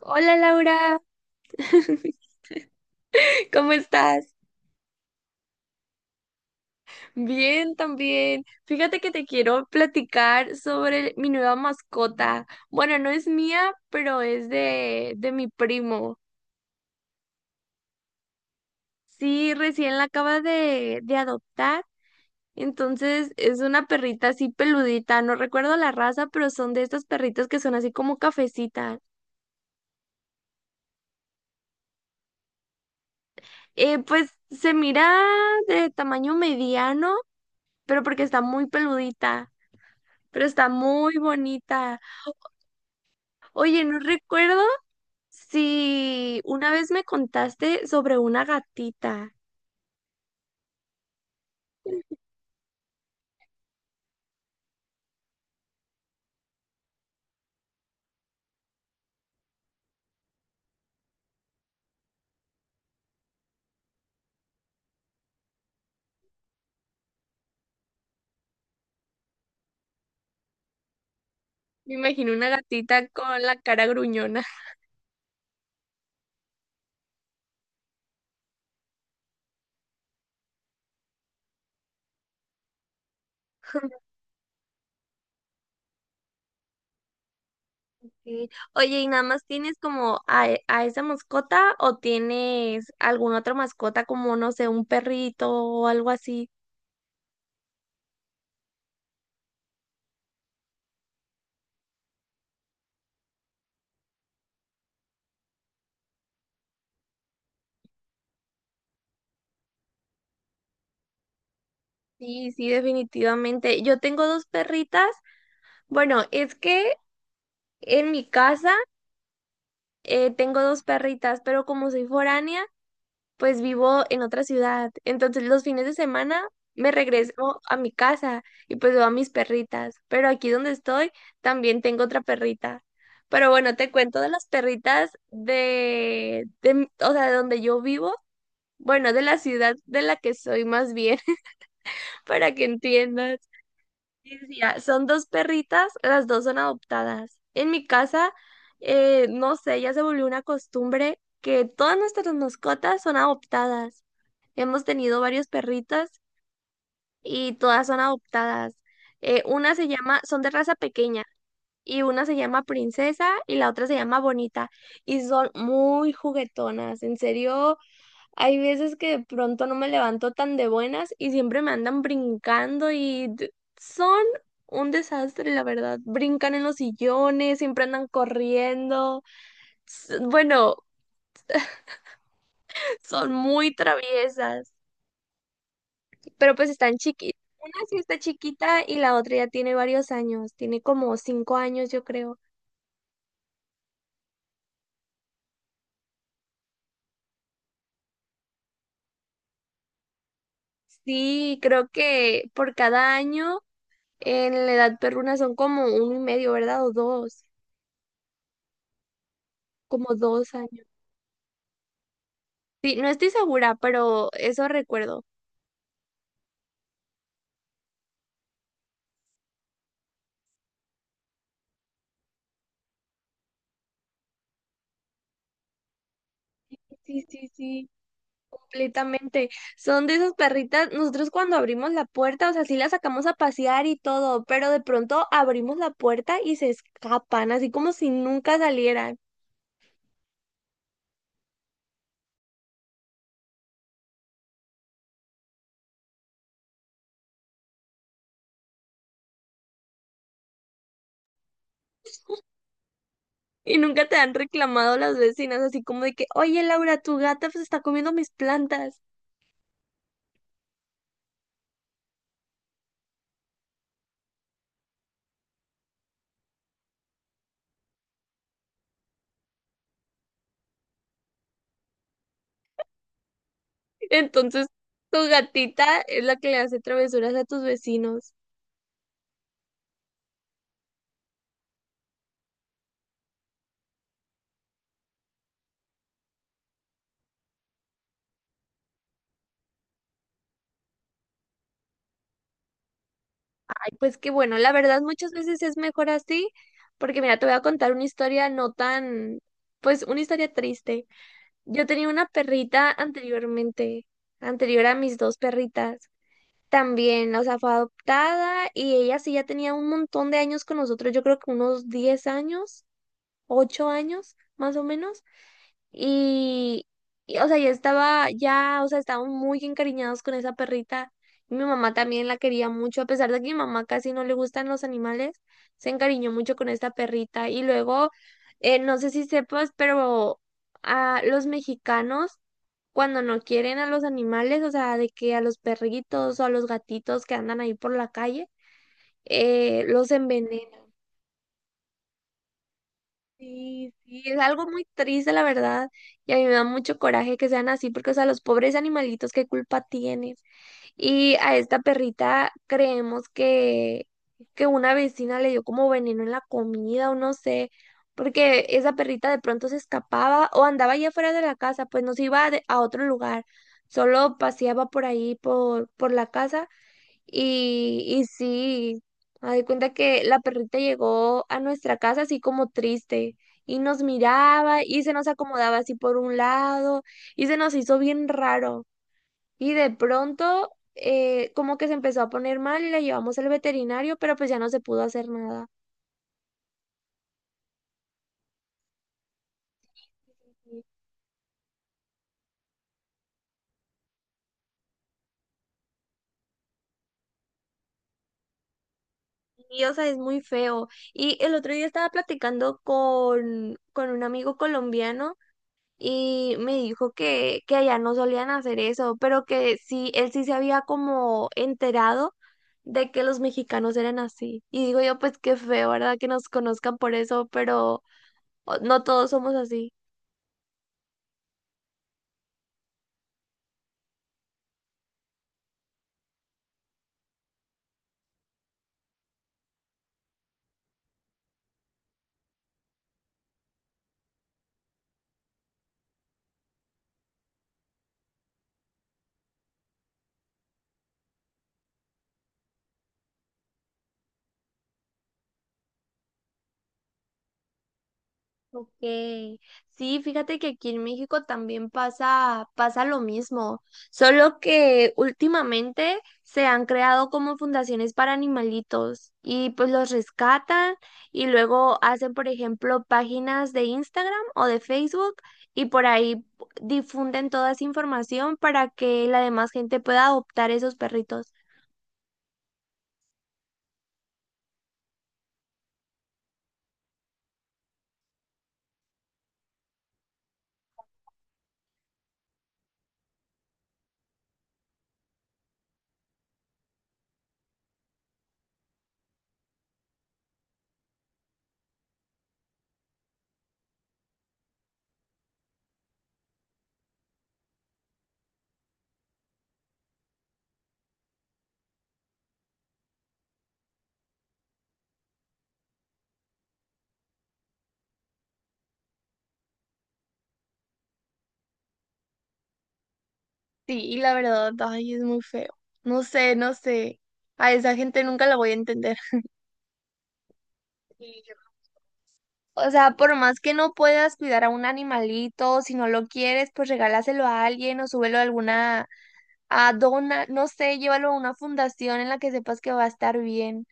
Hola Laura, ¿cómo estás? Bien, también. Fíjate que te quiero platicar sobre mi nueva mascota. Bueno, no es mía, pero es de mi primo. Sí, recién la acaba de adoptar. Entonces es una perrita así peludita. No recuerdo la raza, pero son de estas perritas que son así como cafecitas. Pues se mira de tamaño mediano, pero porque está muy peludita. Pero está muy bonita. Oye, no recuerdo si una vez me contaste sobre una gatita. Me imagino una gatita con la cara gruñona. Sí. Oye, ¿y nada más tienes como a esa mascota o tienes alguna otra mascota como, no sé, un perrito o algo así? Sí, sí, definitivamente. Yo tengo dos perritas. Bueno, es que en mi casa tengo dos perritas, pero como soy foránea, pues vivo en otra ciudad. Entonces los fines de semana me regreso a mi casa y pues veo a mis perritas. Pero aquí donde estoy también tengo otra perrita. Pero bueno, te cuento de las perritas de, o sea, de donde yo vivo. Bueno, de la ciudad de la que soy más bien, para que entiendas. Sí, sí, ya. Son dos perritas, las dos son adoptadas. En mi casa, no sé, ya se volvió una costumbre que todas nuestras mascotas son adoptadas. Hemos tenido varios perritas y todas son adoptadas. Una se llama, son de raza pequeña y una se llama Princesa y la otra se llama Bonita y son muy juguetonas. En serio, hay veces que de pronto no me levanto tan de buenas y siempre me andan brincando y son un desastre, la verdad. Brincan en los sillones, siempre andan corriendo. Bueno, son muy traviesas, pero pues están chiquitas. Una sí está chiquita y la otra ya tiene varios años, tiene como 5 años, yo creo. Sí, creo que por cada año en la edad perruna son como uno y medio, ¿verdad? O dos, como 2 años. Sí, no estoy segura, pero eso recuerdo. Sí, sí, sí, completamente. Son de esas perritas. Nosotros cuando abrimos la puerta, o sea, sí las sacamos a pasear y todo, pero de pronto abrimos la puerta y se escapan, así como si nunca salieran. Y nunca te han reclamado las vecinas, así como de que, oye, Laura, tu gata se está comiendo mis plantas. Entonces, tu gatita es la que le hace travesuras a tus vecinos. Pues que bueno, la verdad muchas veces es mejor así, porque mira, te voy a contar una historia no tan, pues una historia triste. Yo tenía una perrita anteriormente, anterior a mis dos perritas. También, o sea, fue adoptada y ella sí ya tenía un montón de años con nosotros, yo creo que unos 10 años, 8 años más o menos. Y, y, o sea, ya estaba, ya, o sea, estaban muy encariñados con esa perrita. Y mi mamá también la quería mucho, a pesar de que mi mamá casi no le gustan los animales, se encariñó mucho con esta perrita. Y luego, no sé si sepas, pero a los mexicanos, cuando no quieren a los animales, o sea, de que a los perritos o a los gatitos que andan ahí por la calle, los envenenan. Sí, sí, es algo muy triste, la verdad, y a mí me da mucho coraje que sean así, porque, o sea, los pobres animalitos, ¿qué culpa tienen? Y a esta perrita creemos que una vecina le dio como veneno en la comida o no sé, porque esa perrita de pronto se escapaba o andaba allá afuera de la casa, pues no se iba a otro lugar, solo paseaba por ahí, por la casa y sí, haz de cuenta que la perrita llegó a nuestra casa así como triste y nos miraba y se nos acomodaba así por un lado y se nos hizo bien raro. Y de pronto como que se empezó a poner mal y la llevamos al veterinario, pero pues ya no se pudo hacer nada. Y, o sea, es muy feo. Y el otro día estaba platicando con un amigo colombiano y me dijo que allá no solían hacer eso, pero que sí, él sí se había como enterado de que los mexicanos eran así. Y digo yo, pues qué feo, ¿verdad? Que nos conozcan por eso, pero no todos somos así. Ok, sí, fíjate que aquí en México también pasa lo mismo, solo que últimamente se han creado como fundaciones para animalitos y pues los rescatan y luego hacen, por ejemplo, páginas de Instagram o de Facebook y por ahí difunden toda esa información para que la demás gente pueda adoptar esos perritos. Sí, y la verdad, ay, es muy feo. No sé, no sé. A esa gente nunca la voy a entender. O sea, por más que no puedas cuidar a un animalito, si no lo quieres, pues regálaselo a alguien o súbelo a alguna, a dona, no sé, llévalo a una fundación en la que sepas que va a estar bien.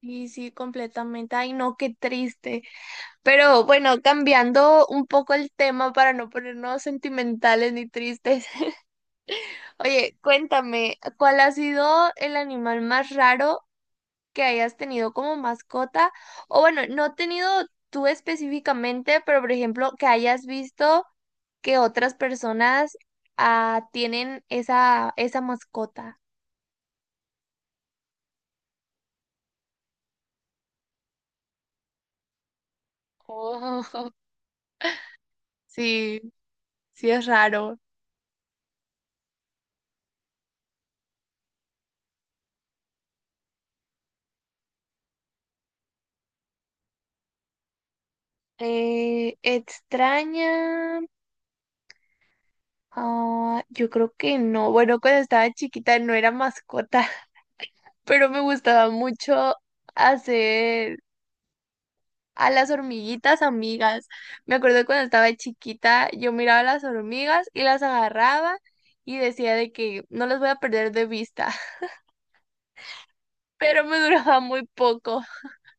Y sí, completamente. Ay, no, qué triste. Pero bueno, cambiando un poco el tema para no ponernos sentimentales ni tristes. Oye, cuéntame, ¿cuál ha sido el animal más raro que hayas tenido como mascota? O bueno, no tenido tú específicamente, pero por ejemplo, que hayas visto que otras personas ah, tienen esa mascota. Oh, Sí, sí es raro. Extraña. Ah, yo creo que no. Bueno, cuando estaba chiquita no era mascota, pero me gustaba mucho hacer a las hormiguitas amigas. Me acuerdo cuando estaba chiquita, yo miraba a las hormigas y las agarraba y decía de que no las voy a perder de vista, pero me duraba muy poco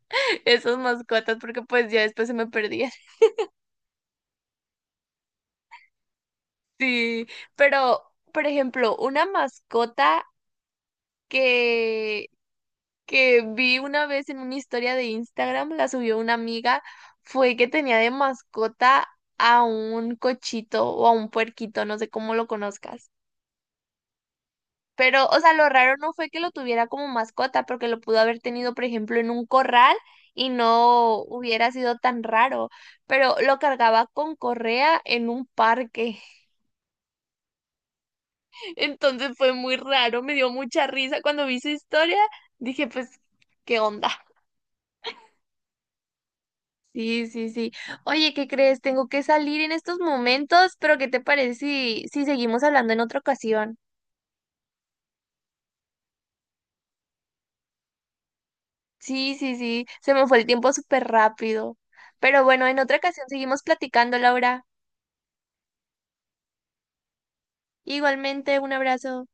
esas mascotas porque pues ya después se me perdían. Sí, pero por ejemplo, una mascota que que vi una vez en una historia de Instagram, la subió una amiga, fue que tenía de mascota a un cochito o a un puerquito, no sé cómo lo conozcas. Pero, o sea, lo raro no fue que lo tuviera como mascota, porque lo pudo haber tenido, por ejemplo, en un corral y no hubiera sido tan raro, pero lo cargaba con correa en un parque. Entonces fue muy raro, me dio mucha risa cuando vi su historia. Dije, pues, ¿qué onda? Sí, sí, sí. Oye, ¿qué crees? Tengo que salir en estos momentos, pero ¿qué te parece si seguimos hablando en otra ocasión? Sí, sí, sí, se me fue el tiempo súper rápido. Pero bueno, en otra ocasión seguimos platicando, Laura. Igualmente, un abrazo.